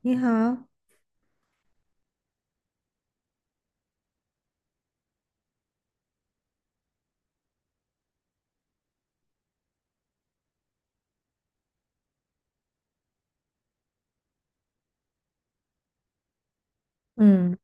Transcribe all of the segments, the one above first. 你好。嗯，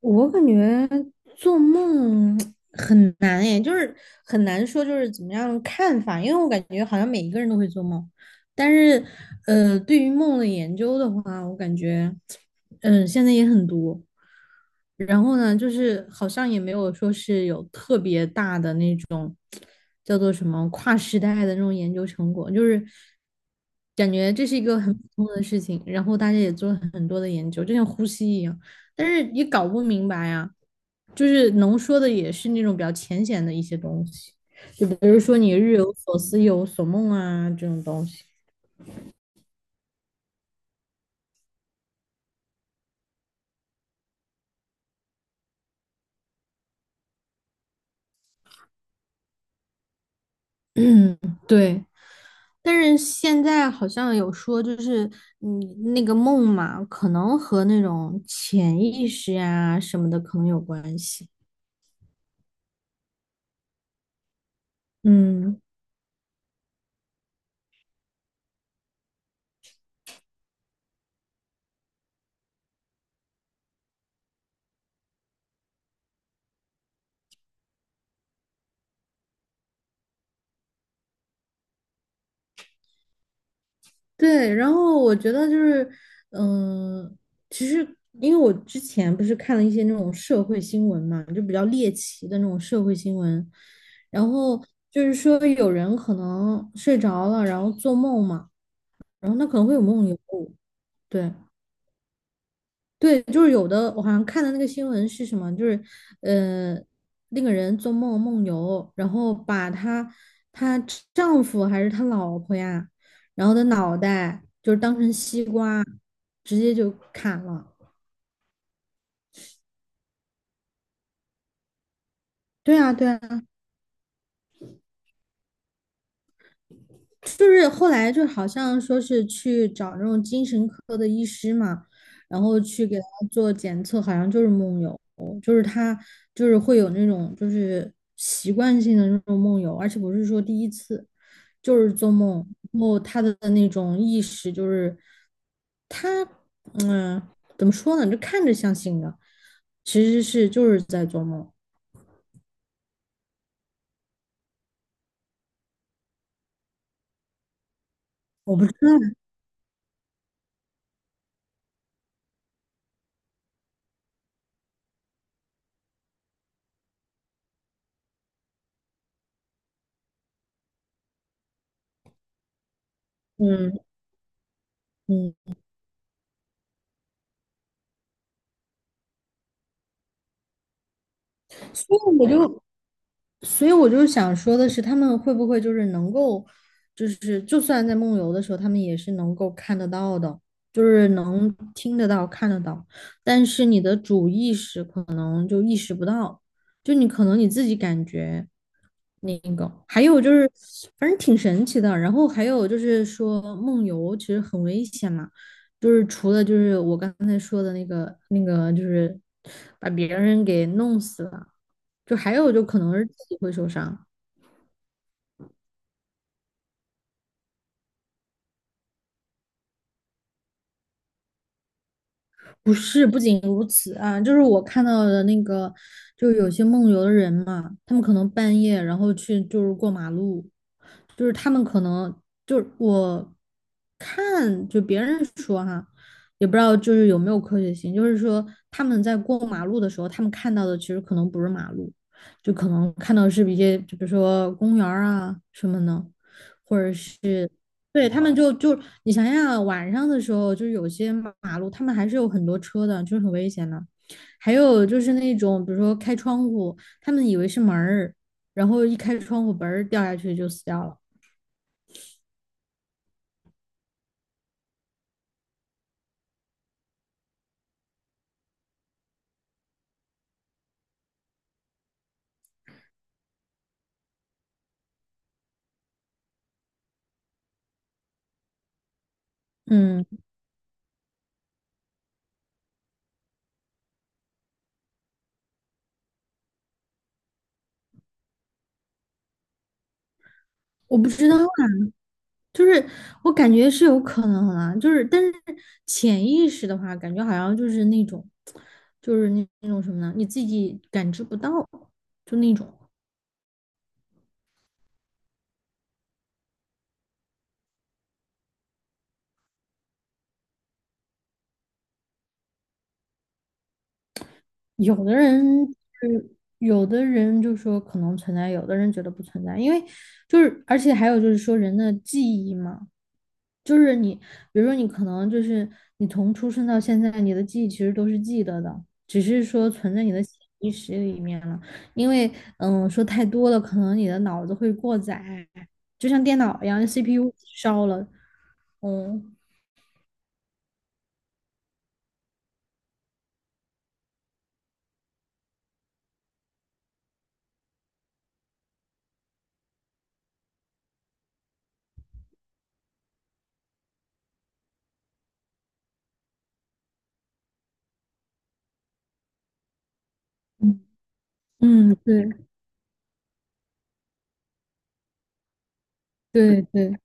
我感觉做梦很难诶，就是很难说就是怎么样看法，因为我感觉好像每一个人都会做梦，但是对于梦的研究的话，我感觉现在也很多。然后呢，就是好像也没有说是有特别大的那种叫做什么跨时代的那种研究成果，就是感觉这是一个很普通的事情，然后大家也做了很多的研究，就像呼吸一样，但是也搞不明白呀，就是能说的也是那种比较浅显的一些东西，就比如说你日有所思夜有所梦啊这种东西。对。但是现在好像有说，就是那个梦嘛，可能和那种潜意识呀、什么的可能有关系。嗯，对。然后我觉得就是，嗯、其实因为我之前不是看了一些那种社会新闻嘛，就比较猎奇的那种社会新闻，然后就是说有人可能睡着了，然后做梦嘛，然后他可能会有梦游，对。对，就是有的，我好像看的那个新闻是什么，就是，呃，那个人做梦梦游，然后把她她丈夫还是她老婆呀，然后的脑袋就是当成西瓜，直接就砍了。对啊，对啊，就是后来就好像说是去找那种精神科的医师嘛，然后去给他做检测，好像就是梦游，就是他就是会有那种就是习惯性的那种梦游，而且不是说第一次，就是做梦，然后他的那种意识就是他嗯怎么说呢，就看着像醒的，其实是就是在做梦。我不知道。嗯，嗯。所以我就所以我就想说的是，他们会不会就是能够，就是就算在梦游的时候，他们也是能够看得到的，就是能听得到、看得到，但是你的主意识可能就意识不到，就你可能你自己感觉那个。还有就是，反正挺神奇的。然后还有就是说，梦游其实很危险嘛，就是除了就是我刚才说的那个，就是把别人给弄死了，就还有就可能是自己会受伤。不是，不仅如此啊，就是我看到的那个，就是有些梦游的人嘛，他们可能半夜然后去就是过马路，就是他们可能就是我看就别人说哈，也不知道就是有没有科学性，就是说他们在过马路的时候，他们看到的其实可能不是马路，就可能看到的是一些就比如说公园儿啊什么的。对，他们就就你想想啊，晚上的时候，就是有些马路，他们还是有很多车的，就是很危险的。还有就是那种，比如说开窗户，他们以为是门儿，然后一开窗户，嘣儿掉下去就死掉了。嗯，我不知道啊，就是我感觉是有可能啊，就是但是潜意识的话，感觉好像就是那种，就是那那种什么呢？你自己感知不到，就那种。有的人就是有的人就说可能存在，有的人觉得不存在，因为就是而且还有就是说人的记忆嘛，就是你比如说你可能就是你从出生到现在，你的记忆其实都是记得的，只是说存在你的潜意识里面了，因为说太多了，可能你的脑子会过载，就像电脑一样，CPU 烧了。嗯，嗯，嗯，对，对，对。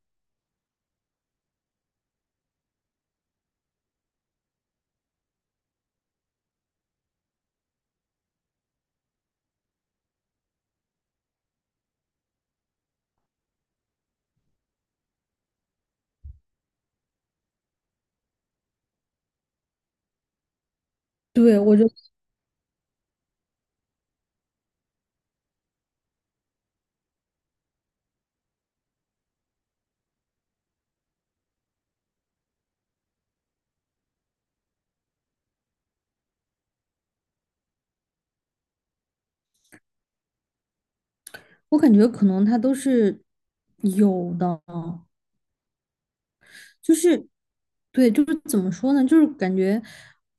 对，我感觉可能他都是有的，就是，对，就是怎么说呢？就是感觉，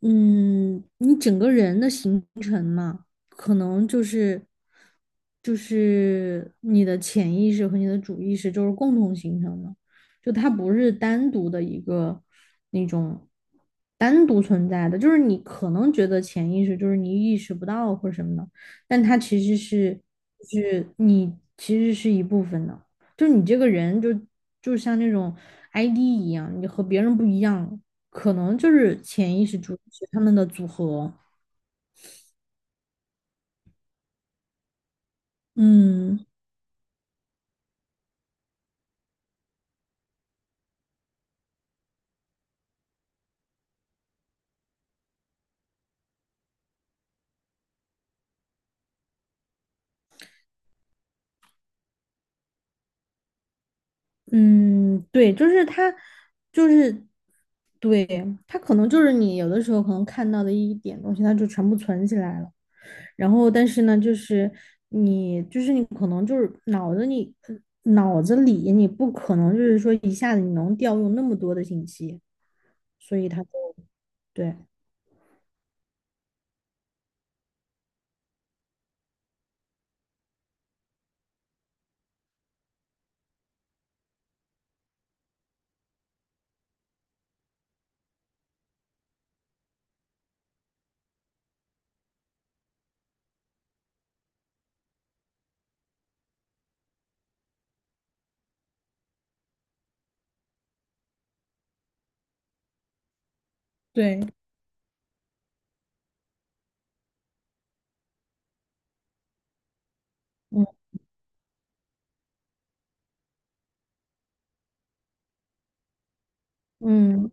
嗯，你整个人的形成嘛，可能就是，就是你的潜意识和你的主意识就是共同形成的，就它不是单独的一个那种单独存在的，就是你可能觉得潜意识就是你意识不到或者什么的，但它其实是，是你其实是一部分的。就你这个人就就像那种 ID 一样，你和别人不一样，可能就是潜意识主是他们的组合。嗯，嗯。对，就是他，就是对他可能就是你有的时候可能看到的一点东西，他就全部存起来了。然后，但是呢，就是你，就是你可能就是，脑子里你不可能就是说一下子你能调用那么多的信息，所以他就对对。嗯，嗯。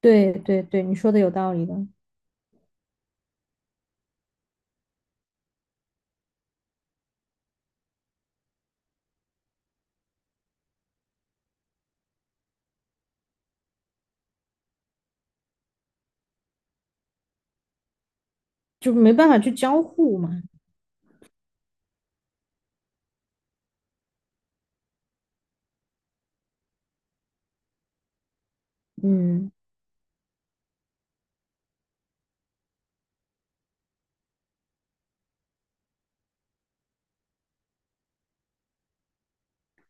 对，对，对，你说的有道理的，就没办法去交互嘛。嗯，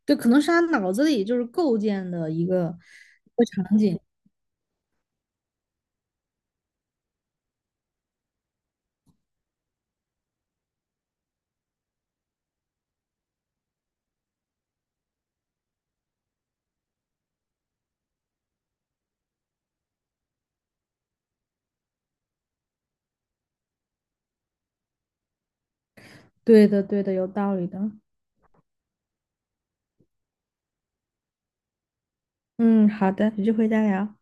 对，可能是他脑子里就是构建的一个场景。对的，对的，有道理的。嗯，好的，有机会再聊。